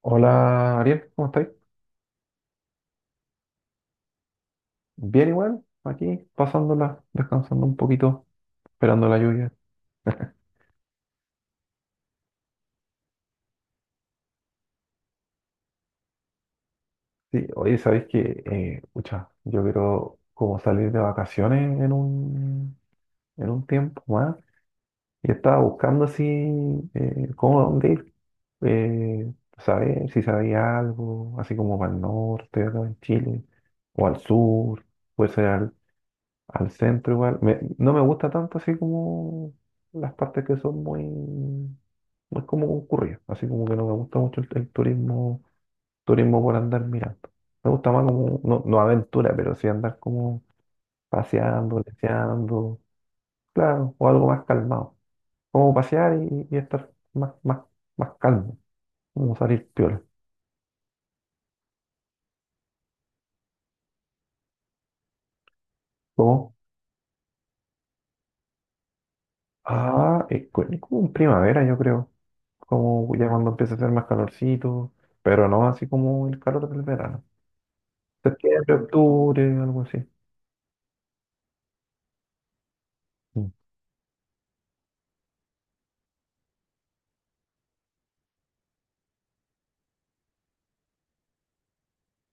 Hola Ariel, ¿cómo estáis? Bien igual, aquí pasándola, descansando un poquito, esperando la lluvia. Sí, oye, ¿sabéis que, pucha, yo quiero como salir de vacaciones en un tiempo más? Y estaba buscando así, cómo, dónde ir, eh, saber si sabía algo, así como para el norte, acá en Chile, o al sur, puede ser al centro igual. Me- no me gusta tanto así como las partes que son muy. No es como concurrido, así como que no me gusta mucho el turismo, turismo por andar mirando. Me gusta más como, no, no aventura, pero sí andar como paseando, leseando, claro, o algo más calmado. Como pasear y estar más calmo, como salir piola. Como, ah, es como en primavera, yo creo, como ya cuando empieza a hacer más calorcito, pero no así como el calor del verano. Septiembre, octubre, algo así. Mm.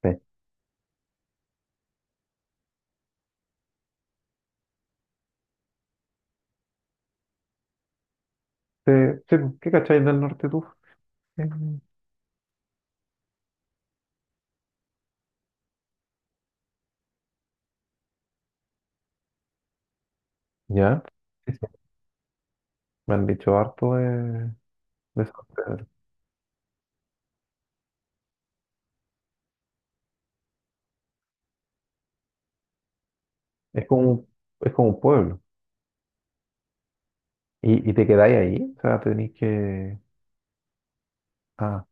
Sí. Sí, sí, pues, ¿qué cacháis del norte tú? ¿Ya? Sí, sí. Me han dicho harto de San Pedro. Es como un, es como un pueblo. Y te quedáis ahí? O sea, tenéis que... Ah,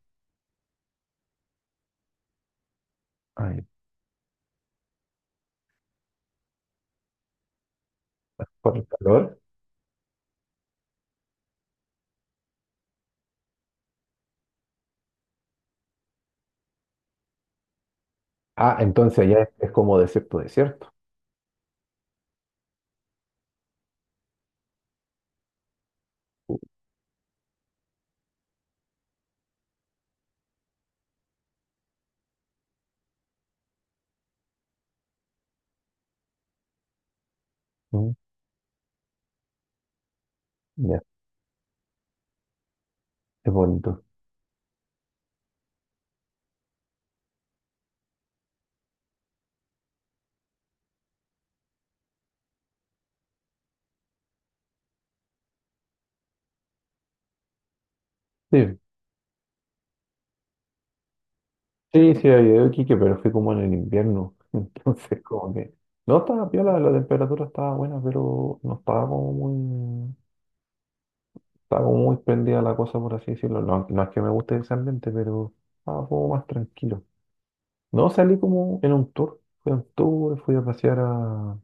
ahí, por el calor. Ah, entonces allá es como desierto, desierto. Mm. Ya, es bonito. Sí, sí, sí, había ido a Iquique, pero fui como en el invierno. Entonces, como que... No estaba piola, la temperatura estaba buena, pero no estaba como muy... Estaba como muy prendida la cosa, por así decirlo. No, no es que me guste ese ambiente, pero estaba como más tranquilo. No, salí como en un tour. Fui a un tour, fui a pasear a...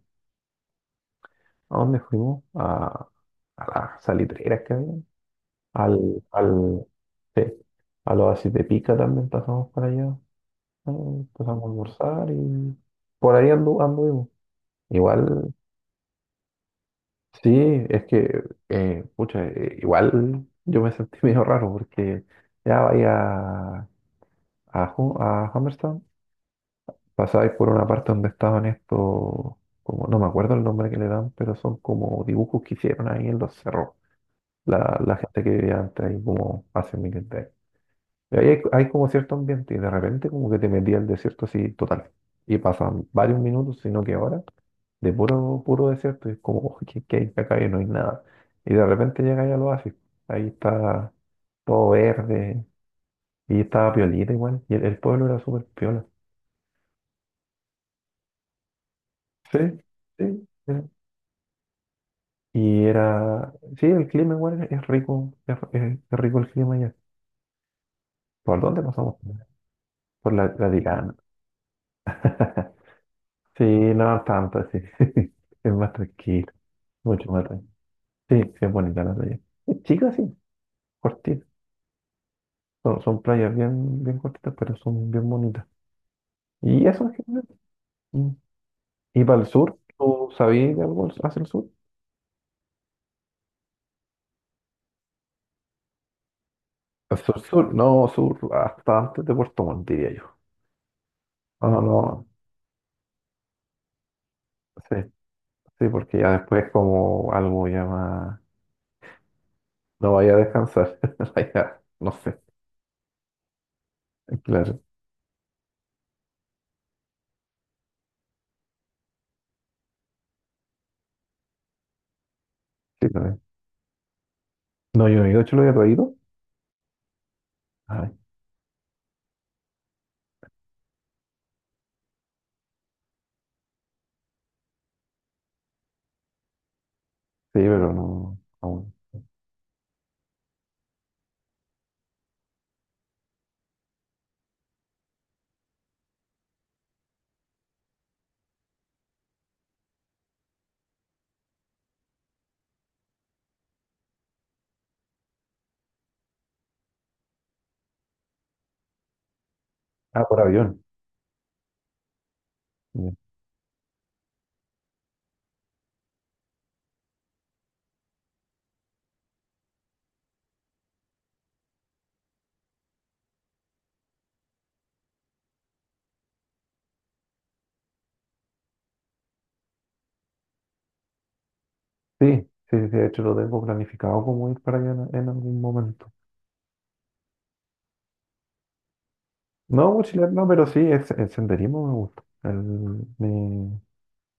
¿A dónde fuimos? A las salitreras que había. Al, al, sí, al oasis de Pica también pasamos para allá. Pasamos a almorzar y por ahí anduvimos. Igual, sí, es que, pucha, igual yo me sentí medio raro porque ya vaya a, a, a Humberstown pasáis por una parte donde estaban estos, como no me acuerdo el nombre que le dan, pero son como dibujos que hicieron ahí en los cerros, la gente que vivía antes ahí como hace miles de años. Y ahí hay, hay como cierto ambiente y de repente como que te metí al desierto así total. Y pasan varios minutos, sino que ahora, de puro desierto, y es como, "Oh, ¿qué, qué hay acá?" Y no hay nada. Y de repente llegáis al oasis, ahí está todo verde, y estaba piolita igual, y el pueblo era súper piola. Sí, sí, sí. Y era, sí, el clima igual es rico, es rico el clima ya. ¿Por dónde pasamos? Por la Vaticano. Sí, no tanto, sí. Es más tranquilo, mucho más tranquilo. Sí, sí, es bonita la playa. Es chica, sí, cortita. Son, son playas bien, bien cortitas, pero son bien bonitas. Y eso en general. Mm. ¿Y para el sur? ¿Tú sabías de algo hacia el sur? Sur, sur, no, sur, hasta antes de Puerto Montt, diría yo. No, no, sí, sí, porque ya después como algo ya más. No vaya a descansar. Vaya, no sé. Claro. Sí, también no, yo no hecho lo había traído. Ay, sí, pero no aún. Ah, por avión. Ya. Sí, sí, sí, sí, de hecho lo tengo planificado como ir para allá en algún momento. No, mochilar no, pero sí, el senderismo me gusta.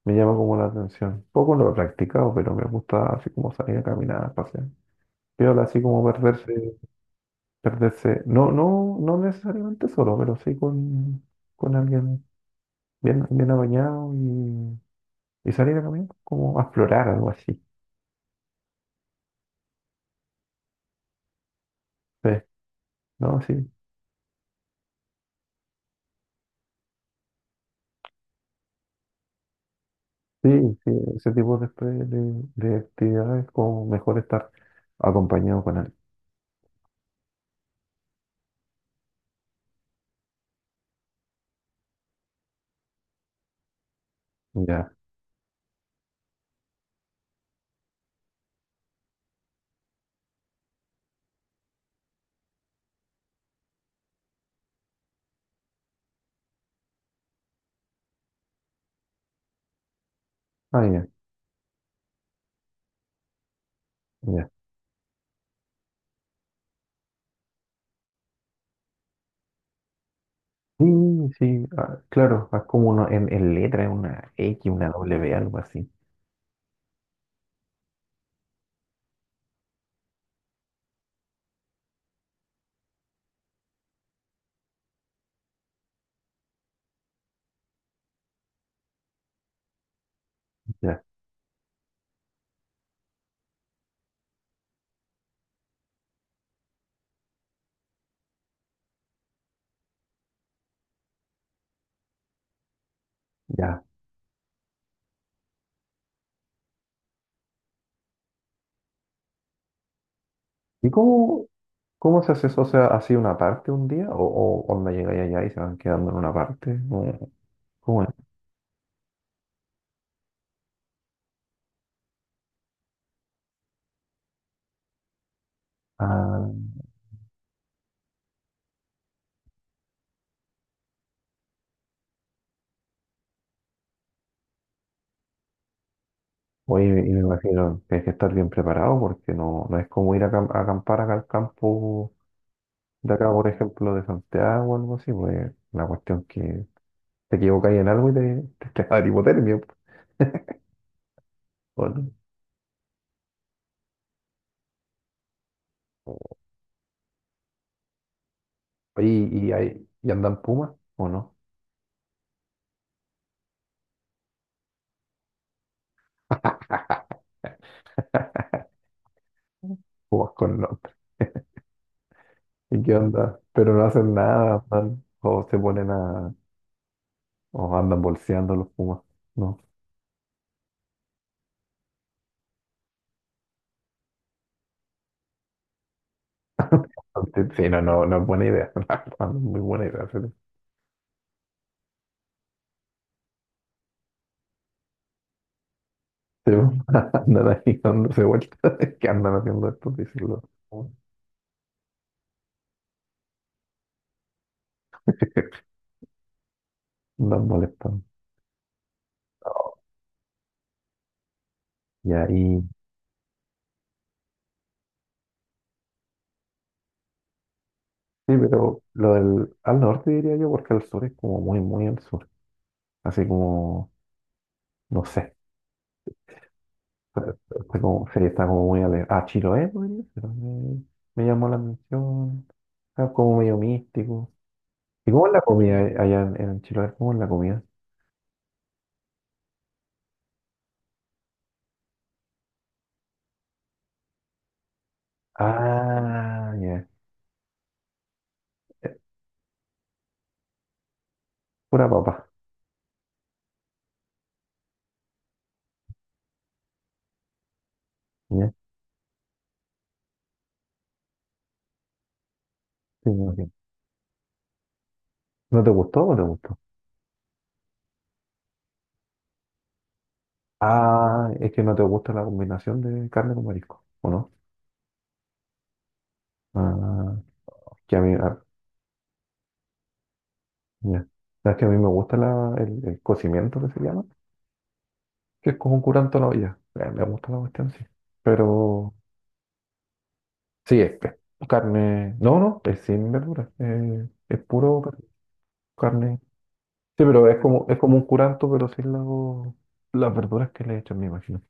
Me llama como la atención. Poco no lo he practicado, pero me gusta así como salir a caminar, pasear. Piola, así como perderse. No, no, no necesariamente solo, pero sí con alguien bien, bien apañado y salir a caminar como a explorar algo así. Sí, no, sí, sí, sí, ese tipo de actividades como mejor estar acompañado con alguien. Ya, ah, ya, ya. Sí, sí, ah, claro, es como uno en letra, es una X, una W, algo así. Ya, ya. ¿Y cómo, cómo se hace eso? O sea, ¿así una parte un día? O onda llegáis allá y se van quedando en una parte? ¿Cómo cómo es? Ah. Oye, y me imagino que hay que estar bien preparado porque no, no es como ir a, a acampar acá al campo de acá, por ejemplo, de Santiago o algo así, pues la cuestión que te equivocáis en algo y te va a dar hipotermia. Po, ¿o no? Oye, y, hay- y andan pumas o no? Pumas con norte. ¿Y qué onda? Pero no hacen nada, andan- o se ponen a, o andan bolseando los pumas, ¿no? Antes- Sí, no, no, no es buena idea, no es muy buena idea. Sí, po. Andan ahí dándose vueltas. ¿Qué andan haciendo estos discípulos? Andan molestando. Y ahí. Sí, pero lo del. Al norte diría yo, porque al sur es como muy, muy al sur. Así como. No sé. Está como, sí, está como muy ah, Chiloé, podría ser. Me llamó la atención. Está como medio místico. ¿Y cómo es la comida allá en Chiloé? ¿Cómo es la comida? Ah, ya. Eh, pura papa. Ya, sí, me imagino. ¿No te gustó o no te gustó? Ah, es que no te gusta la combinación de carne con marisco, ¿o no? Ah, que a mí, ah, ya. Sabes que a mí me gusta la, el cocimiento que se llama, que es como un curanto a la olla. Me gusta la cuestión, sí. Pero sí, es carne. No, no, es sin verduras. Es carne. Sí, pero es como un curanto, pero sin la- las verduras que le echan, me imagino.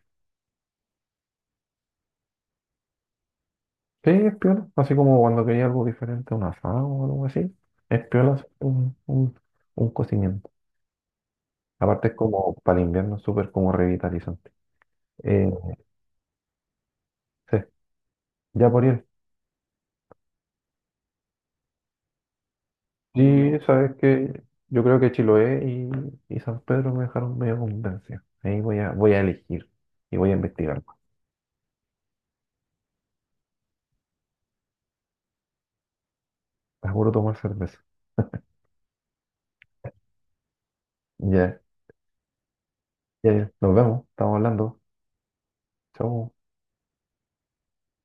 Sí, es piola. Así como cuando quería algo diferente, un asado o algo así. Es piola hacer un cocimiento. Aparte es como para el invierno súper como revitalizante. Eh, sí, ya por ir. Y sabes que yo creo que Chiloé y San Pedro me dejaron medio convencia. Ahí voy a, voy a elegir y voy a investigar. Seguro tomar cerveza. Ya, ya, ya. Nos vemos. Estamos hablando. Chau.